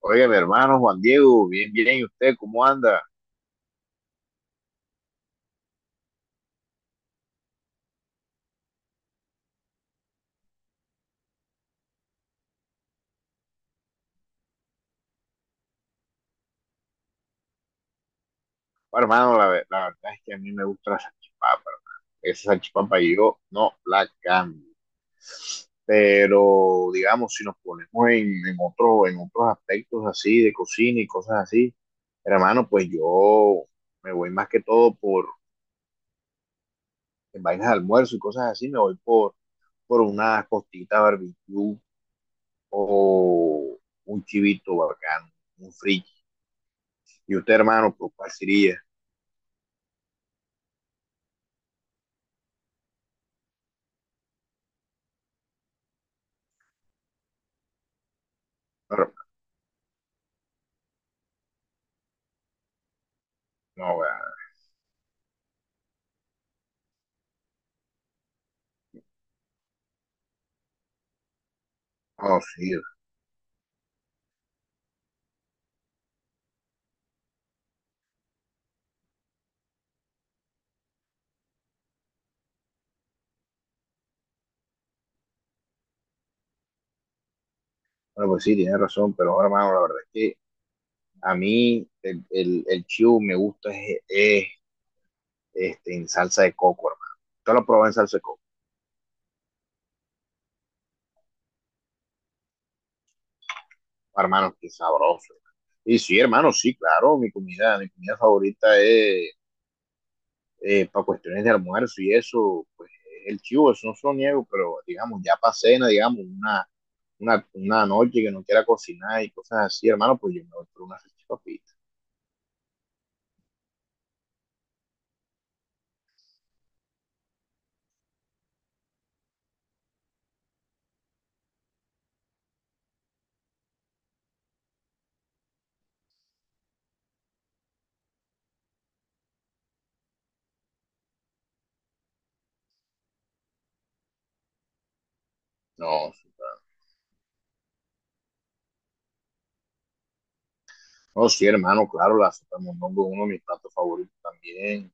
Oiga, mi hermano Juan Diego, bien, bien, ¿y usted cómo anda? Bueno, hermano, la verdad es que a mí me gusta la salchipapa, hermano. Esa salchipapa yo no la cambio. Pero, digamos, si nos ponemos en otro, en otros aspectos así de cocina y cosas así, hermano, pues yo me voy más que todo por, en vainas de almuerzo y cosas así, me voy por una costita barbecue o un chivito bacano, un frito. ¿Y usted, hermano, por cuál sería? No, weón. No, sí. Bueno, pues sí, tienes razón, pero bueno, hermano, la verdad es que a mí el chivo me gusta es en salsa de coco, hermano. Yo lo probé en salsa de coco, hermano, qué sabroso. Hermano. Y sí, hermano, sí, claro, mi comida favorita es para cuestiones de almuerzo y eso, pues el chivo, eso no se lo niego, pero digamos, ya para cena, digamos, una noche que no quiera cocinar y cosas así, hermano, pues yo me voy por una salchipapita. No. No, sí, hermano, claro, la sopa de mondongo es uno de mis platos favoritos también.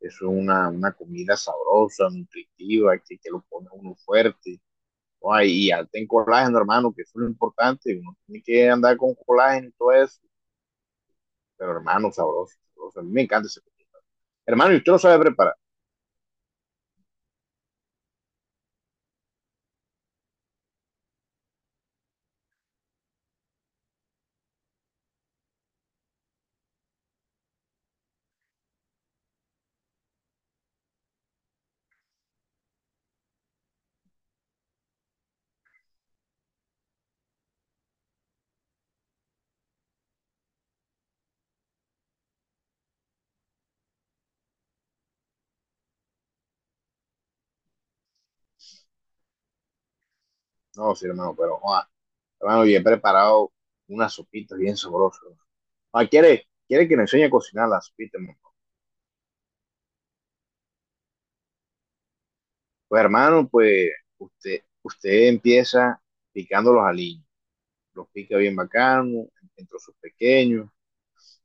Eso es una comida sabrosa, nutritiva, que lo pone uno fuerte. Ay, y alta en colágeno, hermano, que eso es lo importante. Uno tiene que andar con colágeno y todo eso. Pero, hermano, sabroso, sabroso. A mí me encanta ese plato. Hermano, ¿y usted lo sabe preparar? No, sí, hermano, pero, no, ah, hermano, yo he preparado unas sopitas bien sabrosas. Ah, ¿quiere que le enseñe a cocinar las sopitas, hermano? Pues, hermano, pues, usted empieza picando los aliños, los pica bien bacano, entre sus pequeños,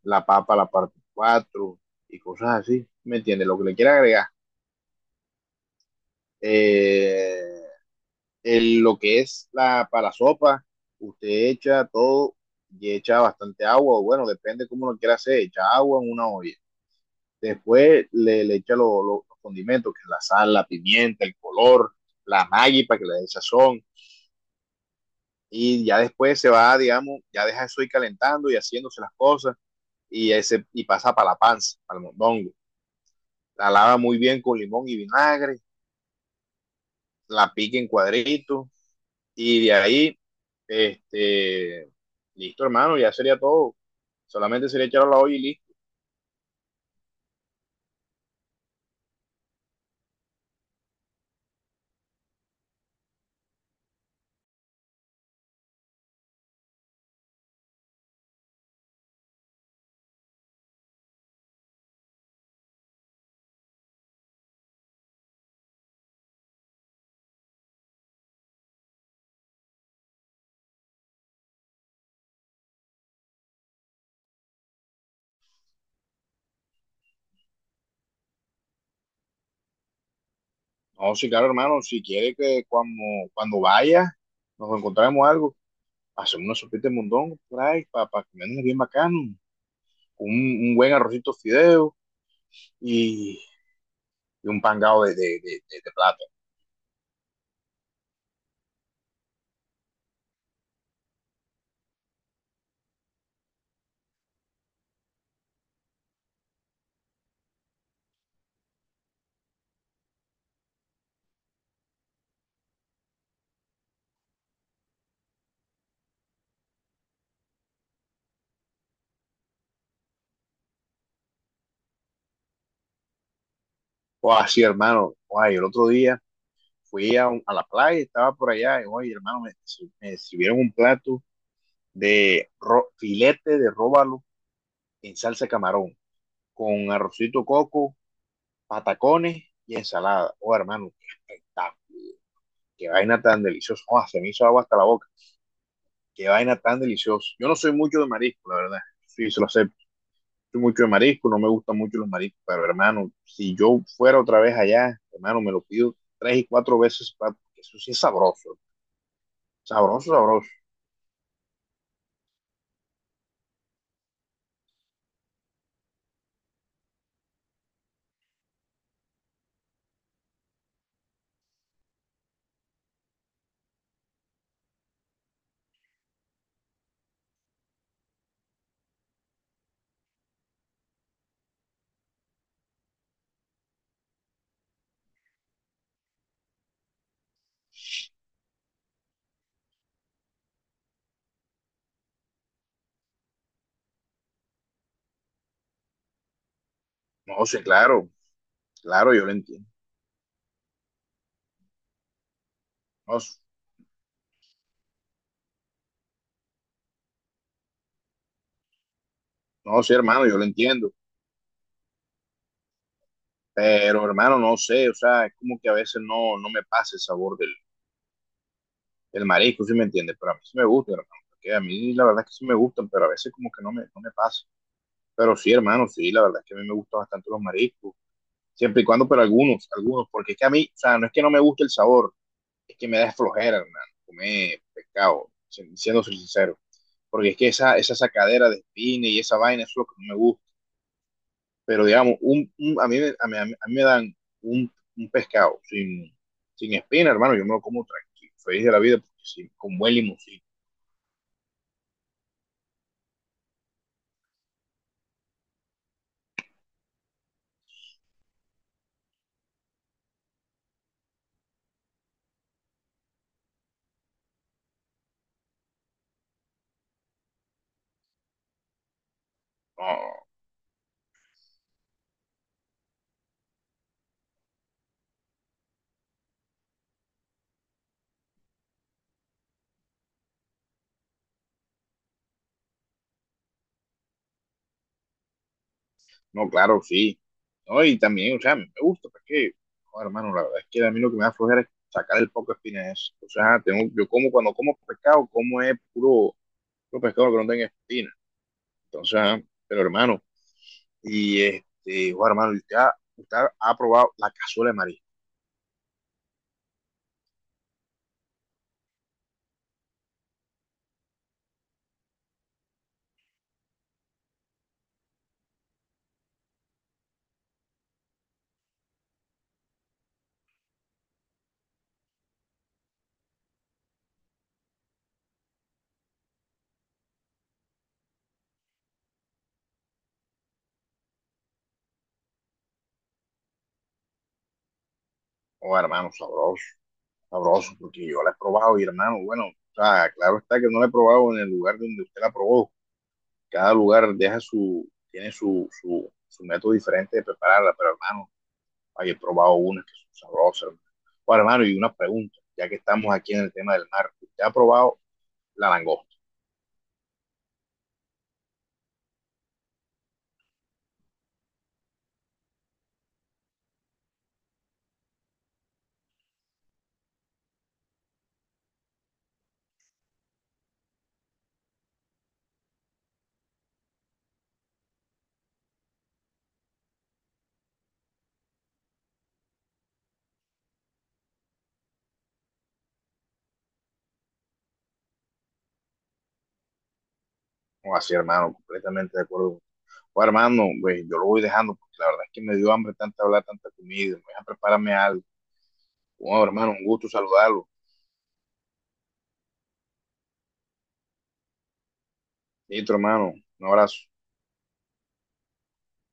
la papa, la parte 4 y cosas así, ¿me entiendes? Lo que le quiera agregar. Eh, el, lo que es la, para la sopa, usted echa todo y echa bastante agua, o bueno, depende cómo lo quiera hacer, echa agua en una olla. Después le echa los condimentos, que es la sal, la pimienta, el color, la maggi para que le dé sazón. Y ya después se va, digamos, ya deja eso ir calentando y haciéndose las cosas y, ese, y pasa para la panza, para el mondongo. La lava muy bien con limón y vinagre, la pica en cuadritos y de ahí, este, listo hermano, ya sería todo. Solamente sería echarlo a la olla y listo. No, sí, claro hermano, si quiere que cuando vaya nos encontremos algo, hacemos una sopita de mondongo por ahí para pa comernos bien bacano, un buen arrocito fideo y, y un pangado de plata. O así hermano, o ay, el otro día fui a, un- a la playa, estaba por allá, y oye, hermano, me sirvieron un plato de ro- filete de róbalo en salsa de camarón, con arrocito coco, patacones y ensalada. Oh, hermano, qué espectáculo, qué vaina tan deliciosa. Oh, se me hizo agua hasta la boca, qué vaina tan deliciosa. Yo no soy mucho de marisco, la verdad, sí, se lo acepto. Soy mucho de marisco, no me gustan mucho los mariscos, pero hermano, si yo fuera otra vez allá, hermano, me lo pido tres y cuatro veces, pa- porque eso sí es sabroso, sabroso, sabroso. No, sé, claro, claro, yo lo entiendo. No, s- no, sé, hermano, yo lo entiendo. Pero, hermano, no sé, o sea, es como que a veces no me pasa el sabor del, del marisco, ¿sí me entiendes? Pero a mí sí me gusta, hermano, porque a mí la verdad es que sí me gustan, pero a veces como que no me pasa. Pero sí, hermano, sí, la verdad es que a mí me gustan bastante los mariscos, siempre y cuando, pero algunos, algunos, porque es que a mí, o sea, no es que no me guste el sabor, es que me da flojera, hermano, comer pescado, si- siendo sincero, porque es que esa sacadera de espina y esa vaina, eso es lo que no me gusta. Pero digamos, un- a mí, me- a mí, a mí- a mí me dan un, un pescado sin, sin espina, hermano, yo me lo como tranquilo, feliz de la vida, porque sí, con buen limoncito. No, no, claro, sí. No, y también, o sea, me gusta, porque, joder, hermano, la verdad es que a mí lo que me da flojera es sacar el poco de espina de eso. O sea, tengo, yo como cuando como pescado, como es puro, puro pescado que no tenga espina. Entonces, ajá, pero hermano, y este, joder, hermano, usted ha probado la cazuela de marisco. Oh, hermano, sabroso. Sabroso, porque yo la he probado, y hermano, bueno, o sea, claro está que no la he probado en el lugar donde usted la probó. Cada lugar deja su, tiene su, su, su método diferente de prepararla, pero hermano, ay, he probado unas que son sabrosas, hermano. Bueno, hermano, y una pregunta, ya que estamos aquí en el tema del mar, ¿usted ha probado la langosta? No, así, hermano, completamente de acuerdo. Bueno, hermano, pues, yo lo voy dejando, porque la verdad es que me dio hambre tanta hablar, tanta comida, me voy a prepararme algo. Bueno, hermano, un gusto saludarlo. Listo, hermano, un abrazo.